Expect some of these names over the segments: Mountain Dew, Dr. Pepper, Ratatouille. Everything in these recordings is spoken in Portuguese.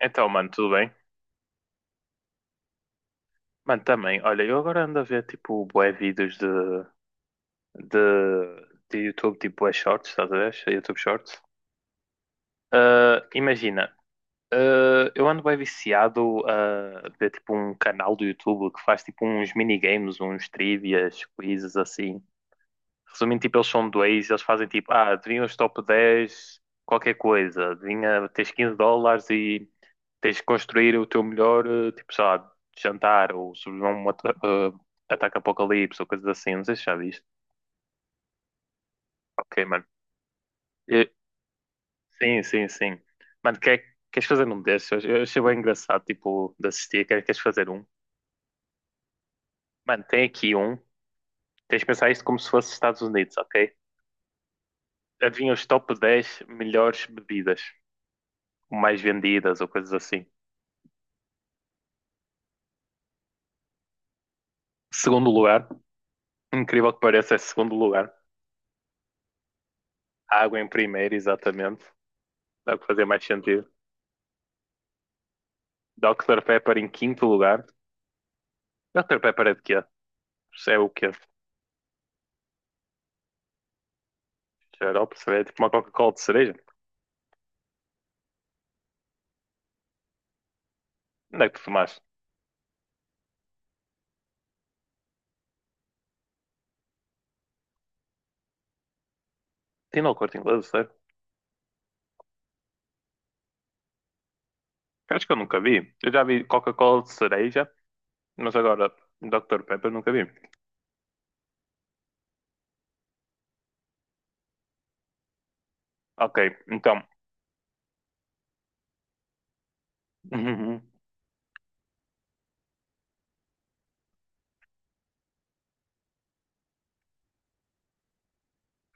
Então, mano, tudo bem? Mano, também, olha, eu agora ando a ver, tipo, bué vídeos de, de YouTube, tipo, bué shorts, estás a ver? YouTube shorts. Ah, imagina, ah, eu ando bem viciado a ver, tipo, um canal do YouTube que faz, tipo, uns minigames, uns trivias, quizzes, assim. Resumindo, tipo, eles são dois, eles fazem tipo, ah, adivinha os top 10 qualquer coisa, adivinha, tens $15 e tens de construir o teu melhor, eh, tipo, sei lá, jantar ou sobreviver a um ataque apocalipse ou coisas assim, não sei se já viste. Ok, mano. Eh, sim, sim, sim. Mano, queres fazer um desses? Eu achei bem engraçado, tipo, de assistir, queres fazer um? Mano, tem aqui um, tens de pensar isto como se fosse Estados Unidos, ok? Adivinha os top 10 melhores bebidas, ou mais vendidas ou coisas assim. Segundo lugar, incrível que pareça, é segundo lugar. Água em primeiro, exatamente. Dá o que fazer mais sentido. Dr. Pepper em quinto lugar. Dr. Pepper é de quê? É o quê? Xarope, cerveja? Tipo uma Coca-Cola de cereja? Onde é que tu tomaste? Tem no corte inglês, sério? Acho que eu nunca vi. Eu já vi Coca-Cola de cereja, mas agora Dr. Pepper nunca vi. Ok, então. Uhum.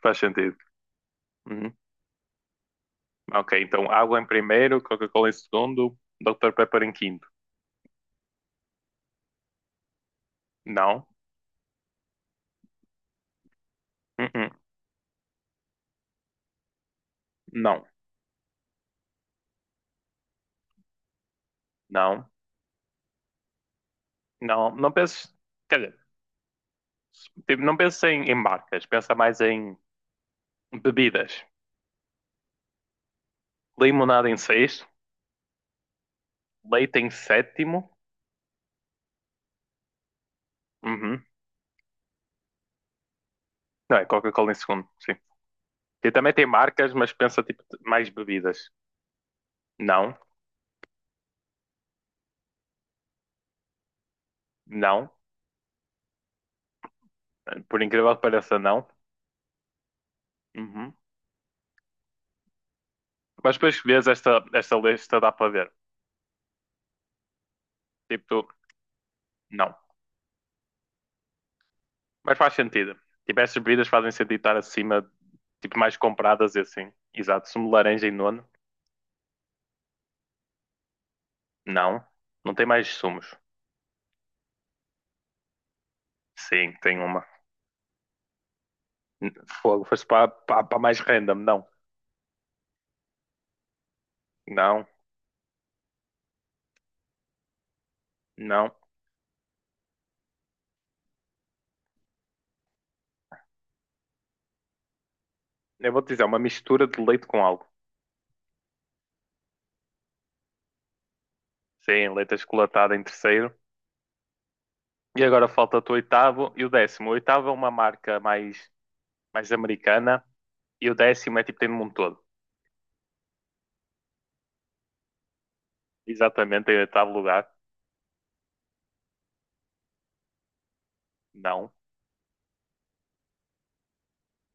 Faz sentido. Uhum. Ok, então água em primeiro, Coca-Cola em segundo, Dr. Pepper em quinto. Não. Uhum. Não. Não. Não, não penses. Quer dizer, tipo, não penses em marcas, pensa mais em bebidas. Limonada em sexto, leite em sétimo. Uhum. Não, é Coca-Cola em segundo, sim. E também tem marcas, mas pensa tipo mais bebidas. Não, não. Por incrível que pareça, não. Uhum. Mas depois que vês esta lista dá para ver. Tipo, tu, não. Mas faz sentido. Tipo, estas bebidas fazem sentido estar acima, tipo, mais compradas e assim. Exato. Sumo de laranja em nono? Não. Não tem mais sumos. Sim, tem uma. Fogo, foste para mais random. Não, não, não. Eu vou-te dizer, é uma mistura de leite com algo. Sim, leite achocolatado em terceiro. E agora falta-te o oitavo e o 10º. O oitavo é uma marca mais americana e o 10º é tipo tem no mundo todo. Exatamente, em oitavo lugar. Não.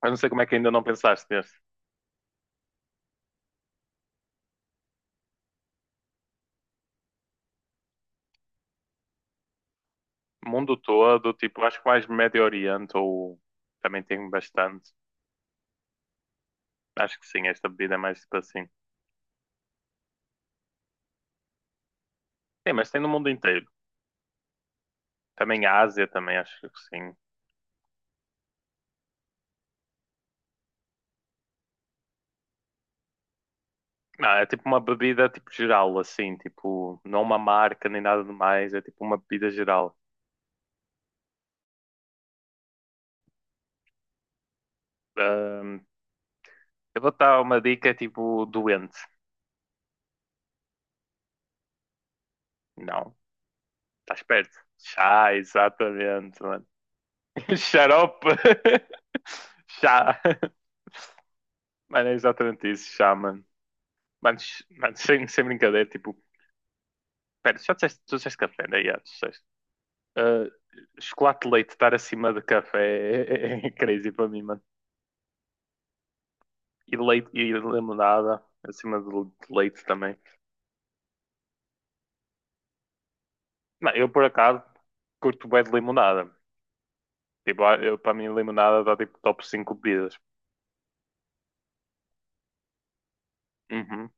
Eu não sei como é que ainda não pensaste nesse. Mundo todo, tipo, acho que mais Médio Oriente ou também tem bastante. Acho que sim, esta bebida é mais tipo assim. Sim, mas tem no mundo inteiro. Também a Ásia também, acho que sim. Não, é tipo uma bebida tipo geral, assim, tipo, não uma marca nem nada de mais, é tipo uma bebida geral. Ahm, eu vou dar uma dica tipo doente. Não, estás perto. Chá, exatamente, mano. Xarope. Chá. Mano, é exatamente isso, chá, mano. Mano, ch- mano, sem, sem brincadeira, tipo, pera, já disseste, tu disseste café, né? Yeah, tu disseste. Ah, chocolate de leite estar acima de café é crazy para mim, mano. E leite e limonada, acima de leite também. Não, eu por acaso curto bem de limonada. Tipo, ah, eu, para mim limonada dá tipo top 5 bebidas. Uhum.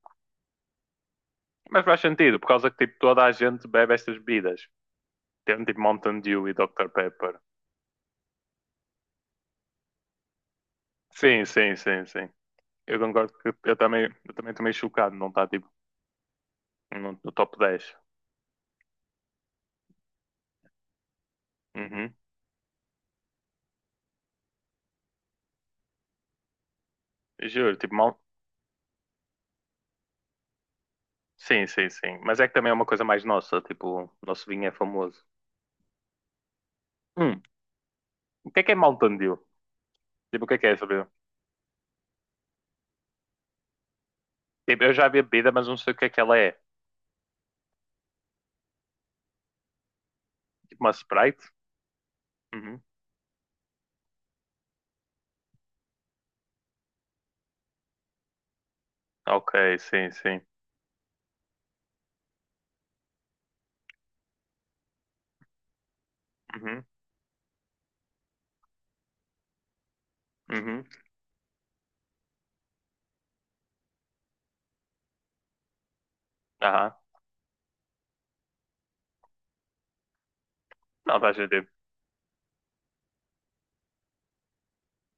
Mas faz sentido, por causa que tipo toda a gente bebe estas bebidas. Tem tipo Mountain Dew e Dr. Pepper. Sim, sim, sim, sim. Eu concordo que eu também estou meio chocado, não está tipo no top 10. Uhum. Juro, tipo, mal... Sim, sim, sim. Mas é que também é uma coisa mais nossa, tipo, o nosso vinho é famoso. Hum, o que é Mountain Dew? Tipo, o que é essa. Tipo, eu já vi a bebida, mas não sei o que é que ela é. Tipo uma Sprite? Uhum. Ok, sim, sim. Uhum. Uhum. Aham. Não, estás a ver.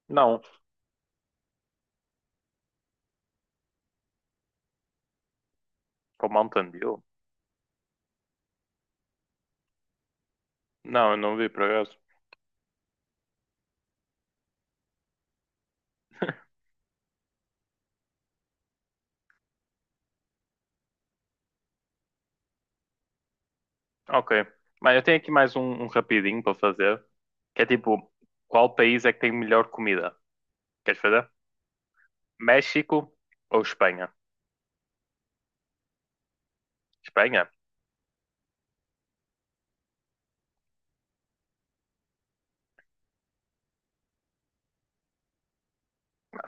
Não, com Mountain Dew? Não, eu não vi por acaso. Ok. Mas eu tenho aqui mais um rapidinho para fazer. Que é tipo, qual país é que tem melhor comida? Queres fazer? México ou Espanha? Espanha?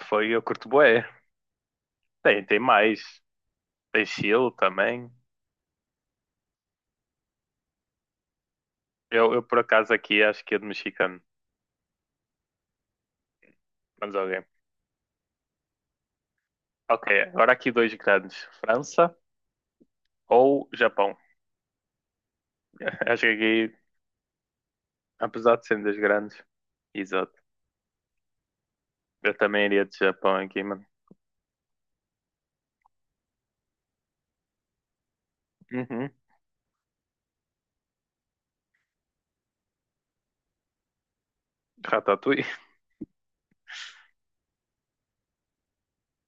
Foi eu curto bué. Tem, tem mais. Tem Chile também. Eu por acaso aqui acho que é de mexicano. Mas alguém. Ok, agora aqui dois grandes: França ou Japão. Acho que aqui, apesar de serem dois grandes, exato. Eu também iria de Japão aqui, mano. Uhum. Ratatouille.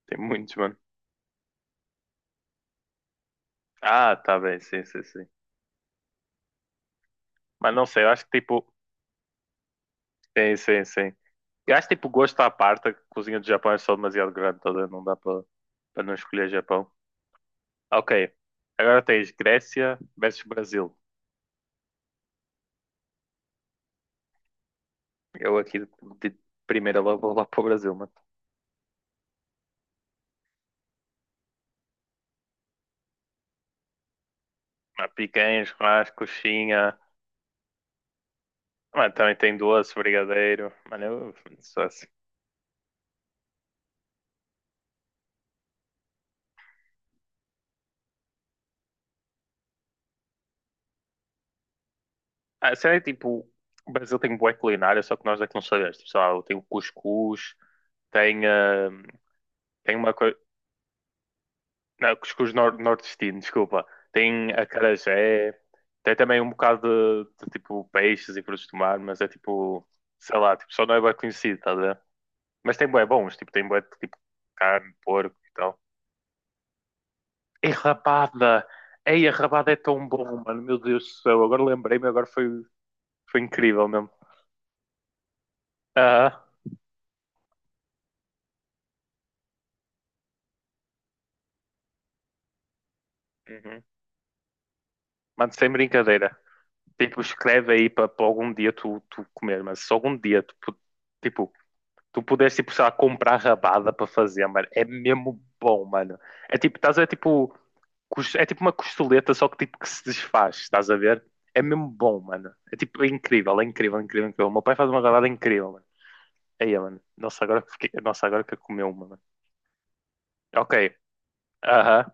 Tem muitos, mano. Ah, tá bem, sim, sim, sim. Mas não sei, eu acho que tipo. Sim, sim, sim. Eu acho que tipo gosto à parte, a cozinha do Japão é só demasiado grande toda, não dá para para não escolher Japão. Ok, agora tens Grécia versus Brasil. Eu aqui de primeira logo vou lá para o Brasil, mano. Mas Picanha, churrasco, coxinha. Mano, também tem doce, brigadeiro. Mano, eu sou assim. Ah, sei lá, tipo, o Brasil tem boa culinária, só que nós é que não sabemos. Tipo, sei lá, tem o cuscuz, tem, ah, tem uma coisa. Não, cuscuz nor nordestino, desculpa. Tem acarajé, tem também um bocado de, tipo peixes e frutos do mar, mas é tipo, sei lá, tipo, só não é bem conhecido, tá a ver? Mas tem bué bons, tipo, tem bué de, tipo carne, porco e tal. E rabada! Ei, a rabada é tão bom, mano, meu Deus do céu, agora lembrei-me, agora foi. Foi incrível mesmo. Aham. Uhum. Mano, sem brincadeira. Tipo, escreve aí para algum dia tu, comer, mas se algum dia tu, pu- tipo, tu puderes, tipo, sei lá, comprar rabada para fazer, mano, é mesmo bom, mano. É tipo, estás a ver, tipo, cos- é tipo uma costeleta, só que tipo que se desfaz, estás a ver? É mesmo bom, mano. É tipo, é incrível, é incrível, é incrível, é incrível. O meu pai faz uma rabada incrível, mano. Aí, mano. Nossa, agora que fiquei... Nossa, agora que eu comi uma, mano. Ok. Aham.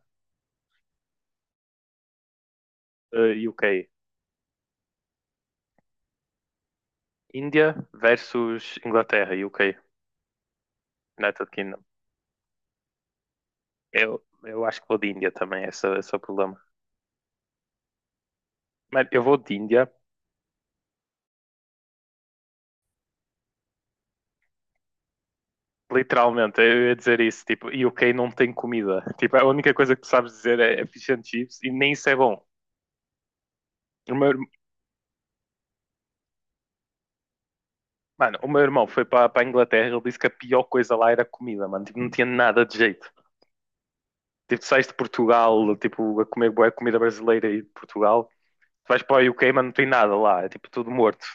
UK. Índia versus Inglaterra e UK, United Kingdom. Eu acho que vou de Índia também, esse é o problema. Mano, eu vou de Índia, literalmente, eu ia dizer isso, tipo, UK não tem comida. Tipo, a única coisa que tu sabes dizer é fish and chips e nem isso é bom. O meu, irm- mano, o meu irmão foi para a Inglaterra, ele disse que a pior coisa lá era a comida, mano, tipo, não tinha nada de jeito. Tipo, tu sais de Portugal, tipo, a comer boa comida brasileira e de Portugal, tu vais para o UK, mano, não tem nada lá, é tipo tudo morto.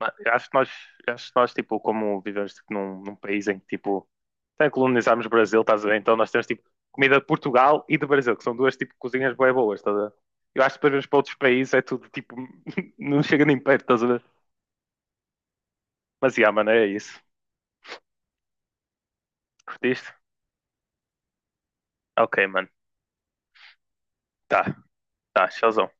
Mano, eu acho que nós tipo, como vivemos tipo, num país em que, tipo, até colonizámos o Brasil, estás a ver? Então nós temos, tipo, comida de Portugal e do Brasil, que são duas, tipo, cozinhas bué boas, estás a ver? Eu acho que depois vemos para outros países, é tudo, tipo, não chega nem perto, estás a ver? Mas, yeah, mano, é isso. Curtiste? Ok, mano. Tá, tá, showzão.